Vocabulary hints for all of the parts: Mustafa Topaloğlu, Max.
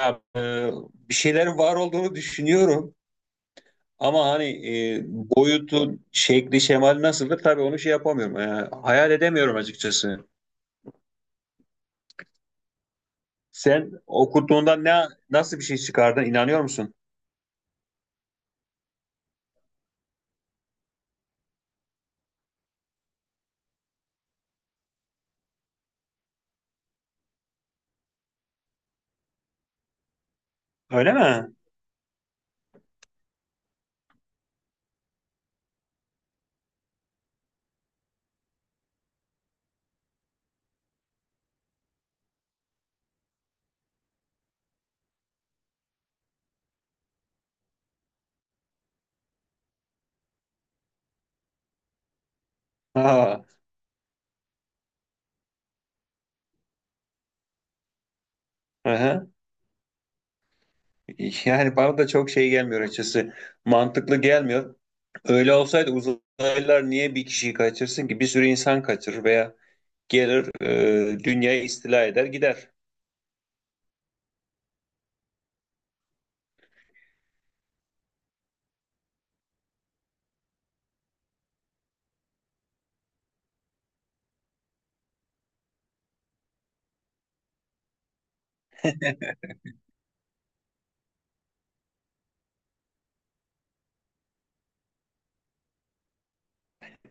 Ya, e, Bir şeyler var olduğunu düşünüyorum ama hani boyutu, şekli, şemali nasıldır tabii onu şey yapamıyorum. Yani hayal edemiyorum açıkçası. Sen okuduğunda nasıl bir şey çıkardın, inanıyor musun? Öyle mi? Ha, hı hı. Yani bana da çok şey gelmiyor açıkçası. Mantıklı gelmiyor. Öyle olsaydı uzaylılar niye bir kişiyi kaçırsın ki? Bir sürü insan kaçırır veya gelir, dünyayı istila eder gider.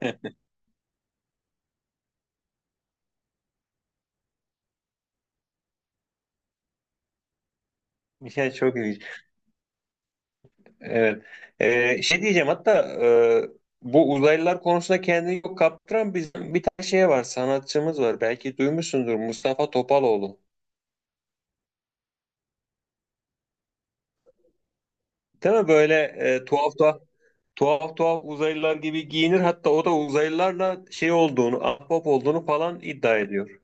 Yani çok ilginç. Evet. Şey diyeceğim hatta, e, bu uzaylılar konusunda kendini yok kaptıran bizim bir tane şey var, sanatçımız var, belki duymuşsundur, Mustafa Topaloğlu. Değil mi, böyle tuhaf tuhaf tuhaf tuhaf uzaylılar gibi giyinir, hatta o da uzaylılarla şey olduğunu, ahbap olduğunu falan iddia ediyor.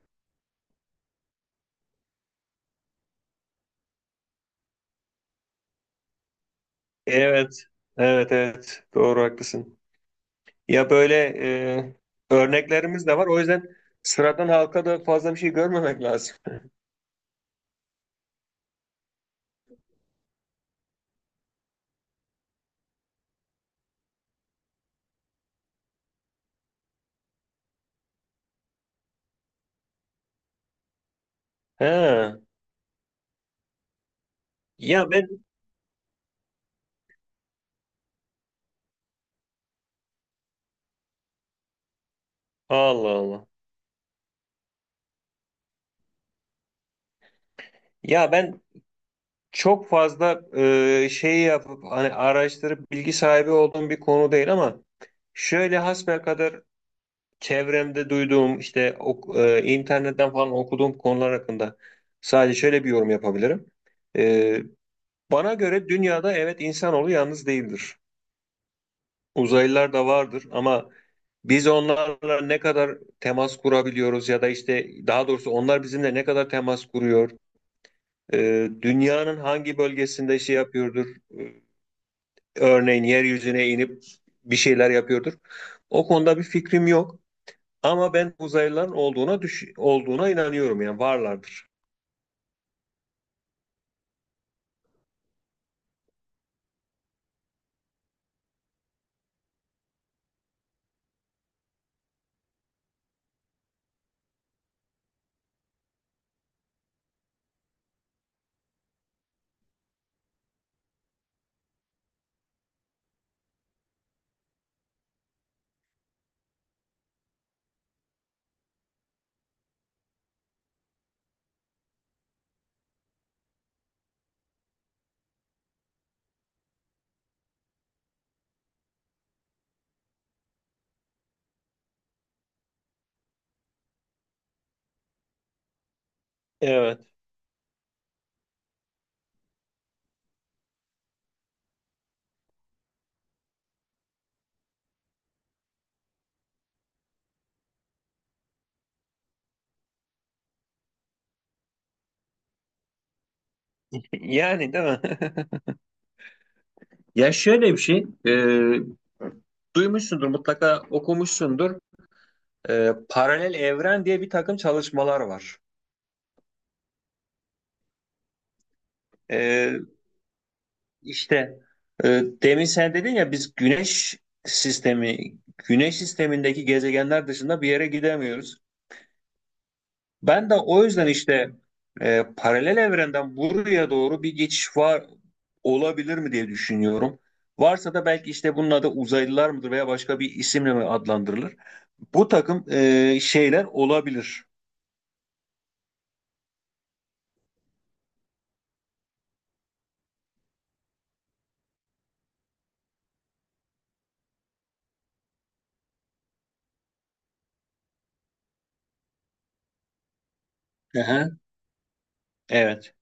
Evet evet doğru, haklısın. Ya böyle e, örneklerimiz de var, o yüzden sıradan halka da fazla bir şey görmemek lazım. He. Ya ben Allah Allah. Ya ben çok fazla şeyi yapıp hani araştırıp bilgi sahibi olduğum bir konu değil ama şöyle hasbelkader çevremde duyduğum, işte internetten falan okuduğum konular hakkında sadece şöyle bir yorum yapabilirim. E, Bana göre dünyada evet, insanoğlu yalnız değildir. Uzaylılar da vardır ama biz onlarla ne kadar temas kurabiliyoruz ya da işte daha doğrusu onlar bizimle ne kadar temas kuruyor? Dünyanın hangi bölgesinde şey yapıyordur? Ee, Örneğin yeryüzüne inip bir şeyler yapıyordur. O konuda bir fikrim yok. Ama ben uzaylıların olduğuna inanıyorum, yani varlardır. Evet. Yani değil mi? Ya şöyle bir şey, duymuşsundur mutlaka, okumuşsundur. Paralel evren diye bir takım çalışmalar var. E, İşte, e, demin sen dedin ya, biz sistemi, güneş sistemindeki gezegenler dışında bir yere gidemiyoruz. Ben de o yüzden işte paralel evrenden buraya doğru bir geçiş var olabilir mi diye düşünüyorum. Varsa da belki işte bunun adı uzaylılar mıdır veya başka bir isimle mi adlandırılır? Bu takım şeyler olabilir. Hı hı, evet.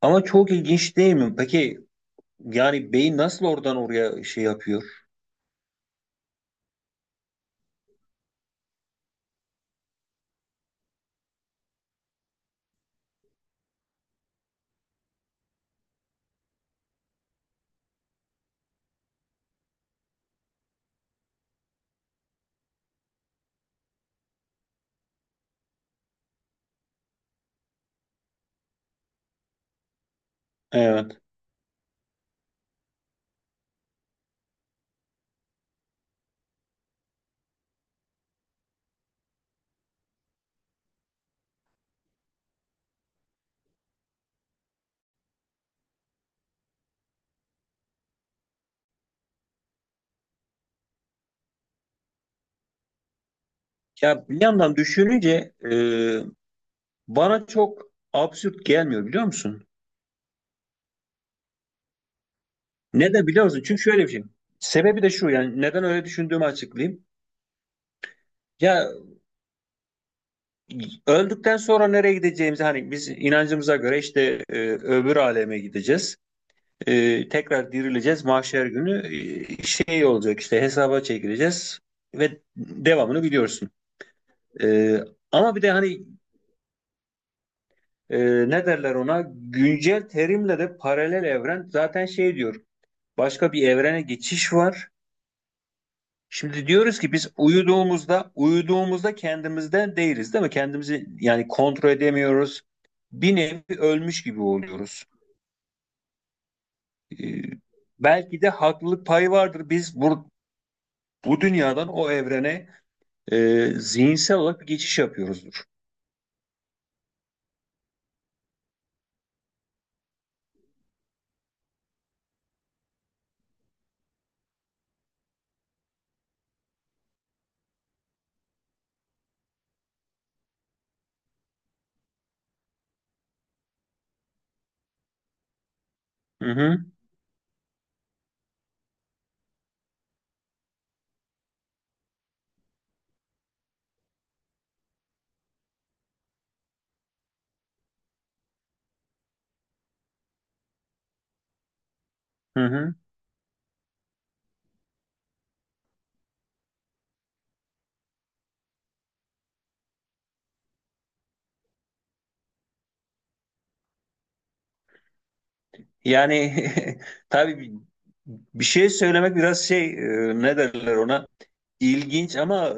Ama çok ilginç değil mi? Peki yani beyin nasıl oradan oraya şey yapıyor? Evet. Ya bir yandan düşününce bana çok absürt gelmiyor, biliyor musun? Neden biliyor musun? Çünkü şöyle bir şey. Sebebi de şu, yani neden öyle düşündüğümü açıklayayım. Ya, öldükten sonra nereye gideceğimizi hani biz inancımıza göre, işte öbür aleme gideceğiz. E, tekrar dirileceğiz mahşer günü, şey olacak, işte hesaba çekileceğiz ve devamını biliyorsun. E, Ama bir de hani e, ne derler ona, güncel terimle de paralel evren, zaten şey diyor: başka bir evrene geçiş var. Şimdi diyoruz ki biz uyuduğumuzda kendimizden değiliz değil mi? Kendimizi yani kontrol edemiyoruz. Bir nevi ölmüş gibi oluyoruz. Ee, Belki de haklılık payı vardır. Biz bu dünyadan o evrene zihinsel olarak bir geçiş yapıyoruzdur. Hı hı, hı hı. Yani tabii, bir şey söylemek biraz şey, ne derler ona, ilginç ama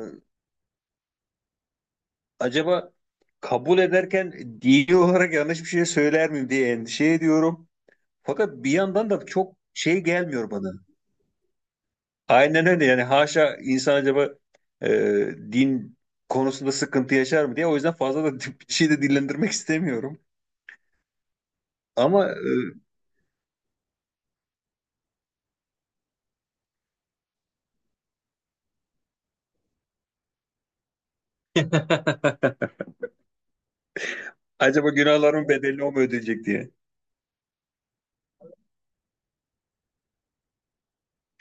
acaba kabul ederken dini olarak yanlış bir şey söyler miyim diye endişe ediyorum. Fakat bir yandan da çok şey gelmiyor bana. Aynen öyle, yani haşa, insan acaba e, din konusunda sıkıntı yaşar mı diye, o yüzden fazla da bir şey de dillendirmek istemiyorum. Ama e, acaba günahların bedeli o mu ödeyecek diye.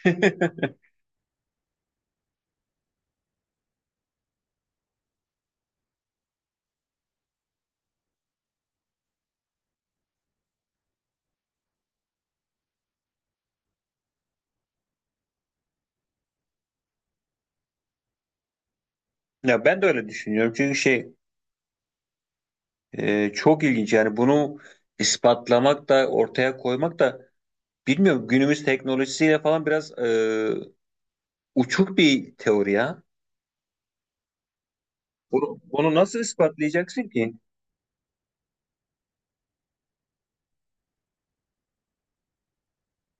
Ya ben de öyle düşünüyorum, çünkü şey, çok ilginç yani, bunu ispatlamak da ortaya koymak da, bilmiyorum, günümüz teknolojisiyle falan biraz uçuk bir teori ya. Bunu nasıl ispatlayacaksın ki?